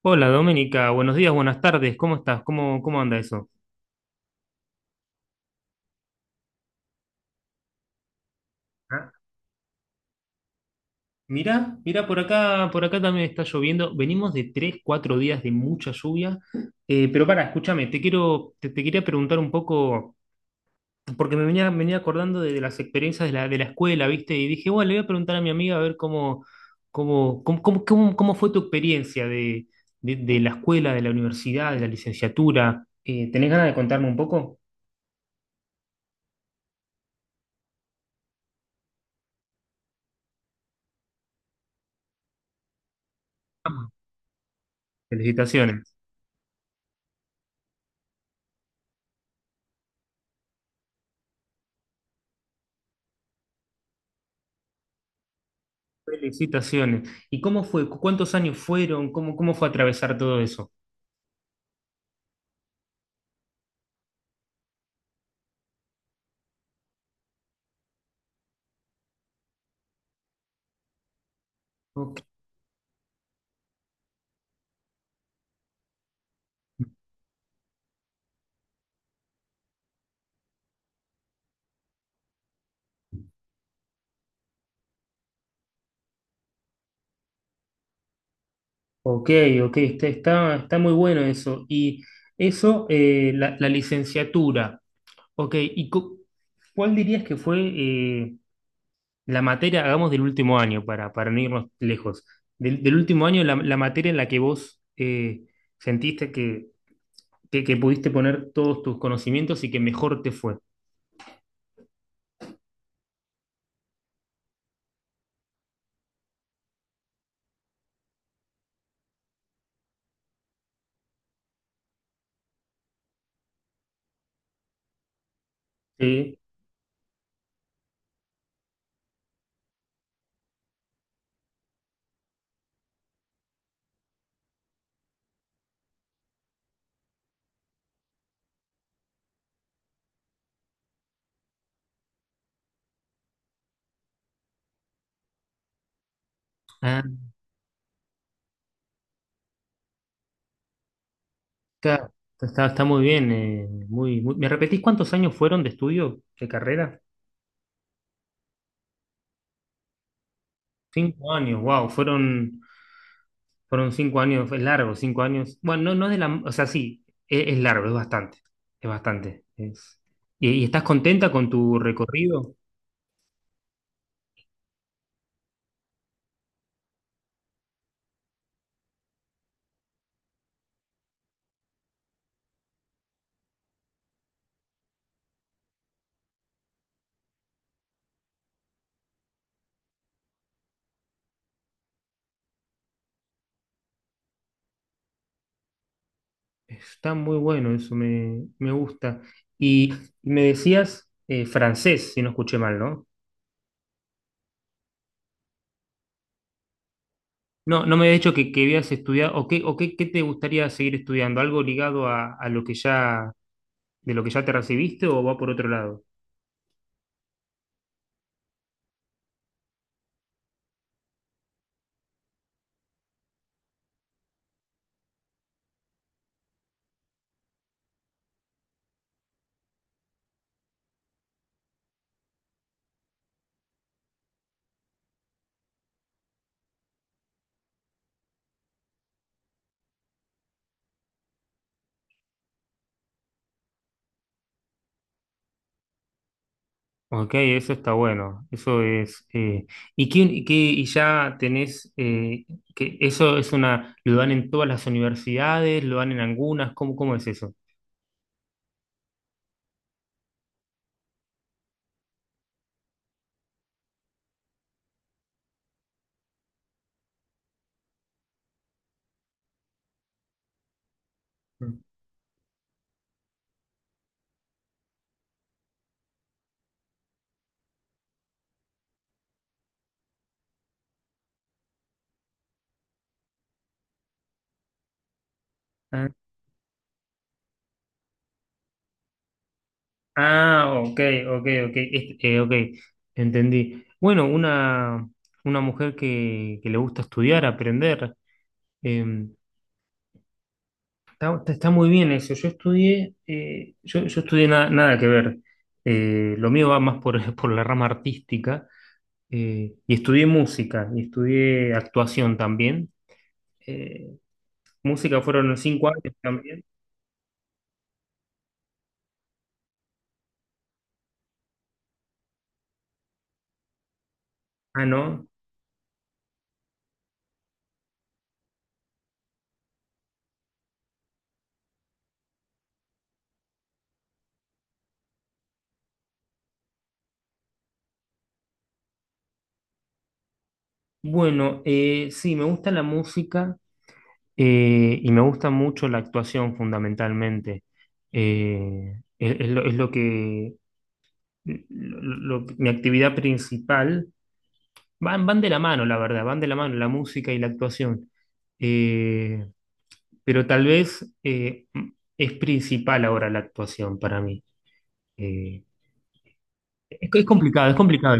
Hola Doménica, buenos días, buenas tardes, ¿cómo estás? ¿Cómo anda eso? ¿Ah? Mirá, por acá también está lloviendo. Venimos de 3, 4 días de mucha lluvia. Pero escúchame, te quería preguntar un poco, porque me venía acordando de las experiencias de la escuela, ¿viste? Y dije, bueno, le voy a preguntar a mi amiga a ver cómo fue tu experiencia de la escuela, de la universidad, de la licenciatura. ¿Tenés ganas de contarme un poco? Vamos. Felicitaciones. Felicitaciones. ¿Y cómo fue? ¿Cuántos años fueron? ¿Cómo fue atravesar todo eso? Ok, ok, ok. Está muy bueno eso. Y eso, la licenciatura. Ok, ¿y cuál dirías que fue la materia, hagamos del último año, para no irnos lejos, del último año, la materia en la que vos sentiste que pudiste poner todos tus conocimientos y que mejor te fue? Sí. Está, está muy bien. ¿Me repetís cuántos años fueron de estudio, de carrera? 5 años, wow, fueron 5 años, es largo, 5 años. Bueno, no, no es de la. O sea, sí, es largo, es bastante. Es bastante. ¿Y estás contenta con tu recorrido? Está muy bueno, eso me gusta. Y me decías francés, si no escuché mal, ¿no? No, no me habías dicho que habías estudiado, o, qué, qué te gustaría seguir estudiando, algo ligado a lo que ya de lo que ya te recibiste o va por otro lado? Ok, eso está bueno. Eso es. ¿Y ya tenés que eso es lo dan en todas las universidades, lo dan en algunas? Cómo es eso? Ah, ah, ok, ok, ok, ok, entendí. Bueno, una mujer que le gusta estudiar, aprender. Está muy bien eso. Yo estudié nada que ver. Lo mío va más por, por la rama artística. Y estudié música, y estudié actuación también. Eh, Música fueron los 5 años también. Ah, ¿no? Bueno, sí, me gusta la música y me gusta mucho la actuación fundamentalmente. Es lo que, lo- mi actividad principal. Van, van de la mano, la verdad, van de la mano la música y la actuación. Eh, pero tal vez es principal ahora la actuación para mí. Eh, es complicado, es complicado.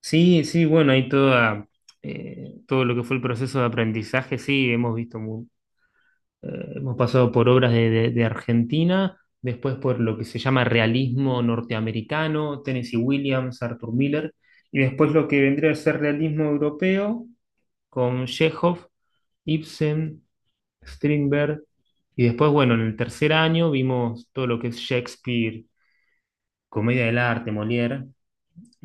Sí, sí, bueno, todo lo que fue el proceso de aprendizaje. Sí, hemos pasado por obras de Argentina, después por lo que se llama realismo norteamericano, Tennessee Williams, Arthur Miller, y después lo que vendría a ser realismo europeo con Chekhov, Ibsen, Strindberg. Y después, bueno, en el tercer año vimos todo lo que es Shakespeare, comedia del arte, Molière.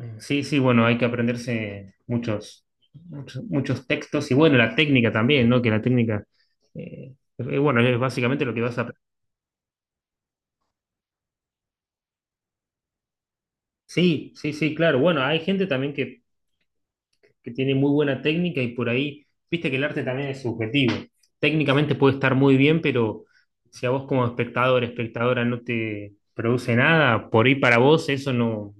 Mm, sí, sí, bueno, hay que aprenderse muchos, muchos, muchos textos y bueno, la técnica también, ¿no? Que la técnica, eh, bueno, es básicamente lo que vas a... Sí, sí, sí, claro. Bueno, hay gente también que tiene muy buena técnica y por ahí, viste que el arte también es subjetivo. Técnicamente puede estar muy bien, pero si a vos como espectador, espectadora no te produce nada, por ahí para vos eso no,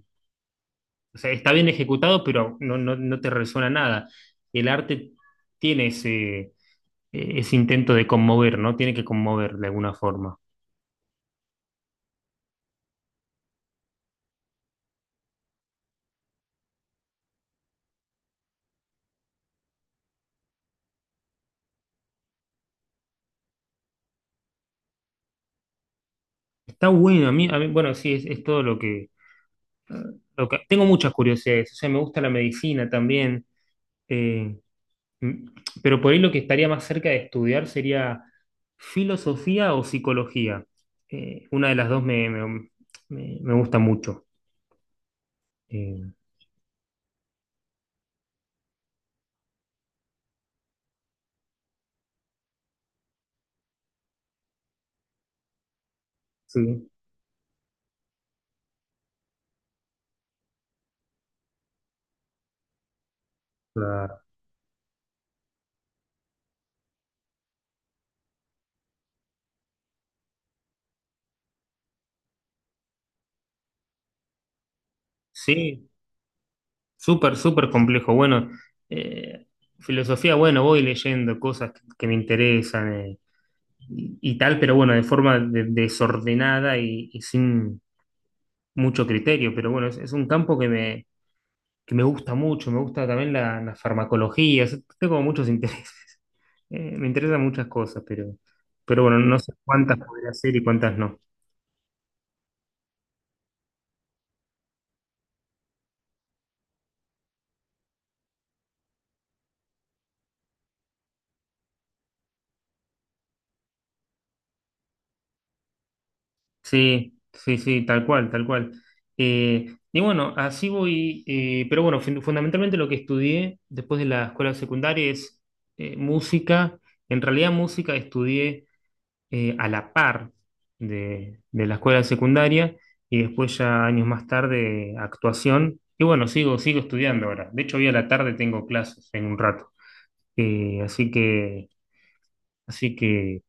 o sea, está bien ejecutado, pero no, no, no te resuena nada. El arte tiene ese intento de conmover, ¿no? Tiene que conmover de alguna forma. Está bueno, a mí bueno, sí, es todo tengo muchas curiosidades, o sea, me gusta la medicina también. eh, Mm, Pero por ahí lo que estaría más cerca de estudiar sería filosofía o psicología. Una de las dos me gusta mucho. Eh, sí, claro. Sí, súper, súper complejo. Bueno, eh, filosofía, bueno, voy leyendo cosas que me interesan y tal, pero bueno, de forma desordenada y sin mucho criterio. Pero bueno, es un campo que me gusta mucho, me gusta también la farmacología, o sea, tengo como muchos intereses. Me interesan muchas cosas, pero bueno, no sé cuántas podría hacer y cuántas no. Sí, sí, sí, tal cual, tal cual. Y bueno, así voy, pero bueno, fundamentalmente lo que estudié después de la escuela secundaria es música. En realidad música estudié a la par de la escuela secundaria y después ya años más tarde actuación. Y bueno, sigo estudiando ahora. De hecho, hoy a la tarde tengo clases en un rato. Eh, así que, así que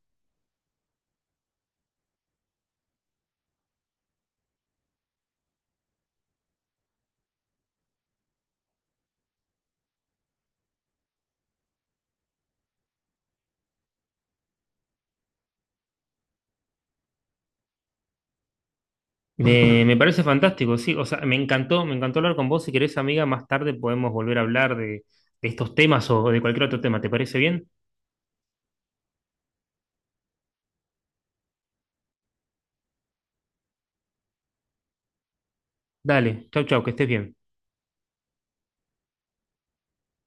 me, me parece fantástico, sí. O sea, me encantó hablar con vos. Si querés, amiga, más tarde podemos volver a hablar de estos temas o de cualquier otro tema. ¿Te parece bien? Dale, chau, chau, que estés bien.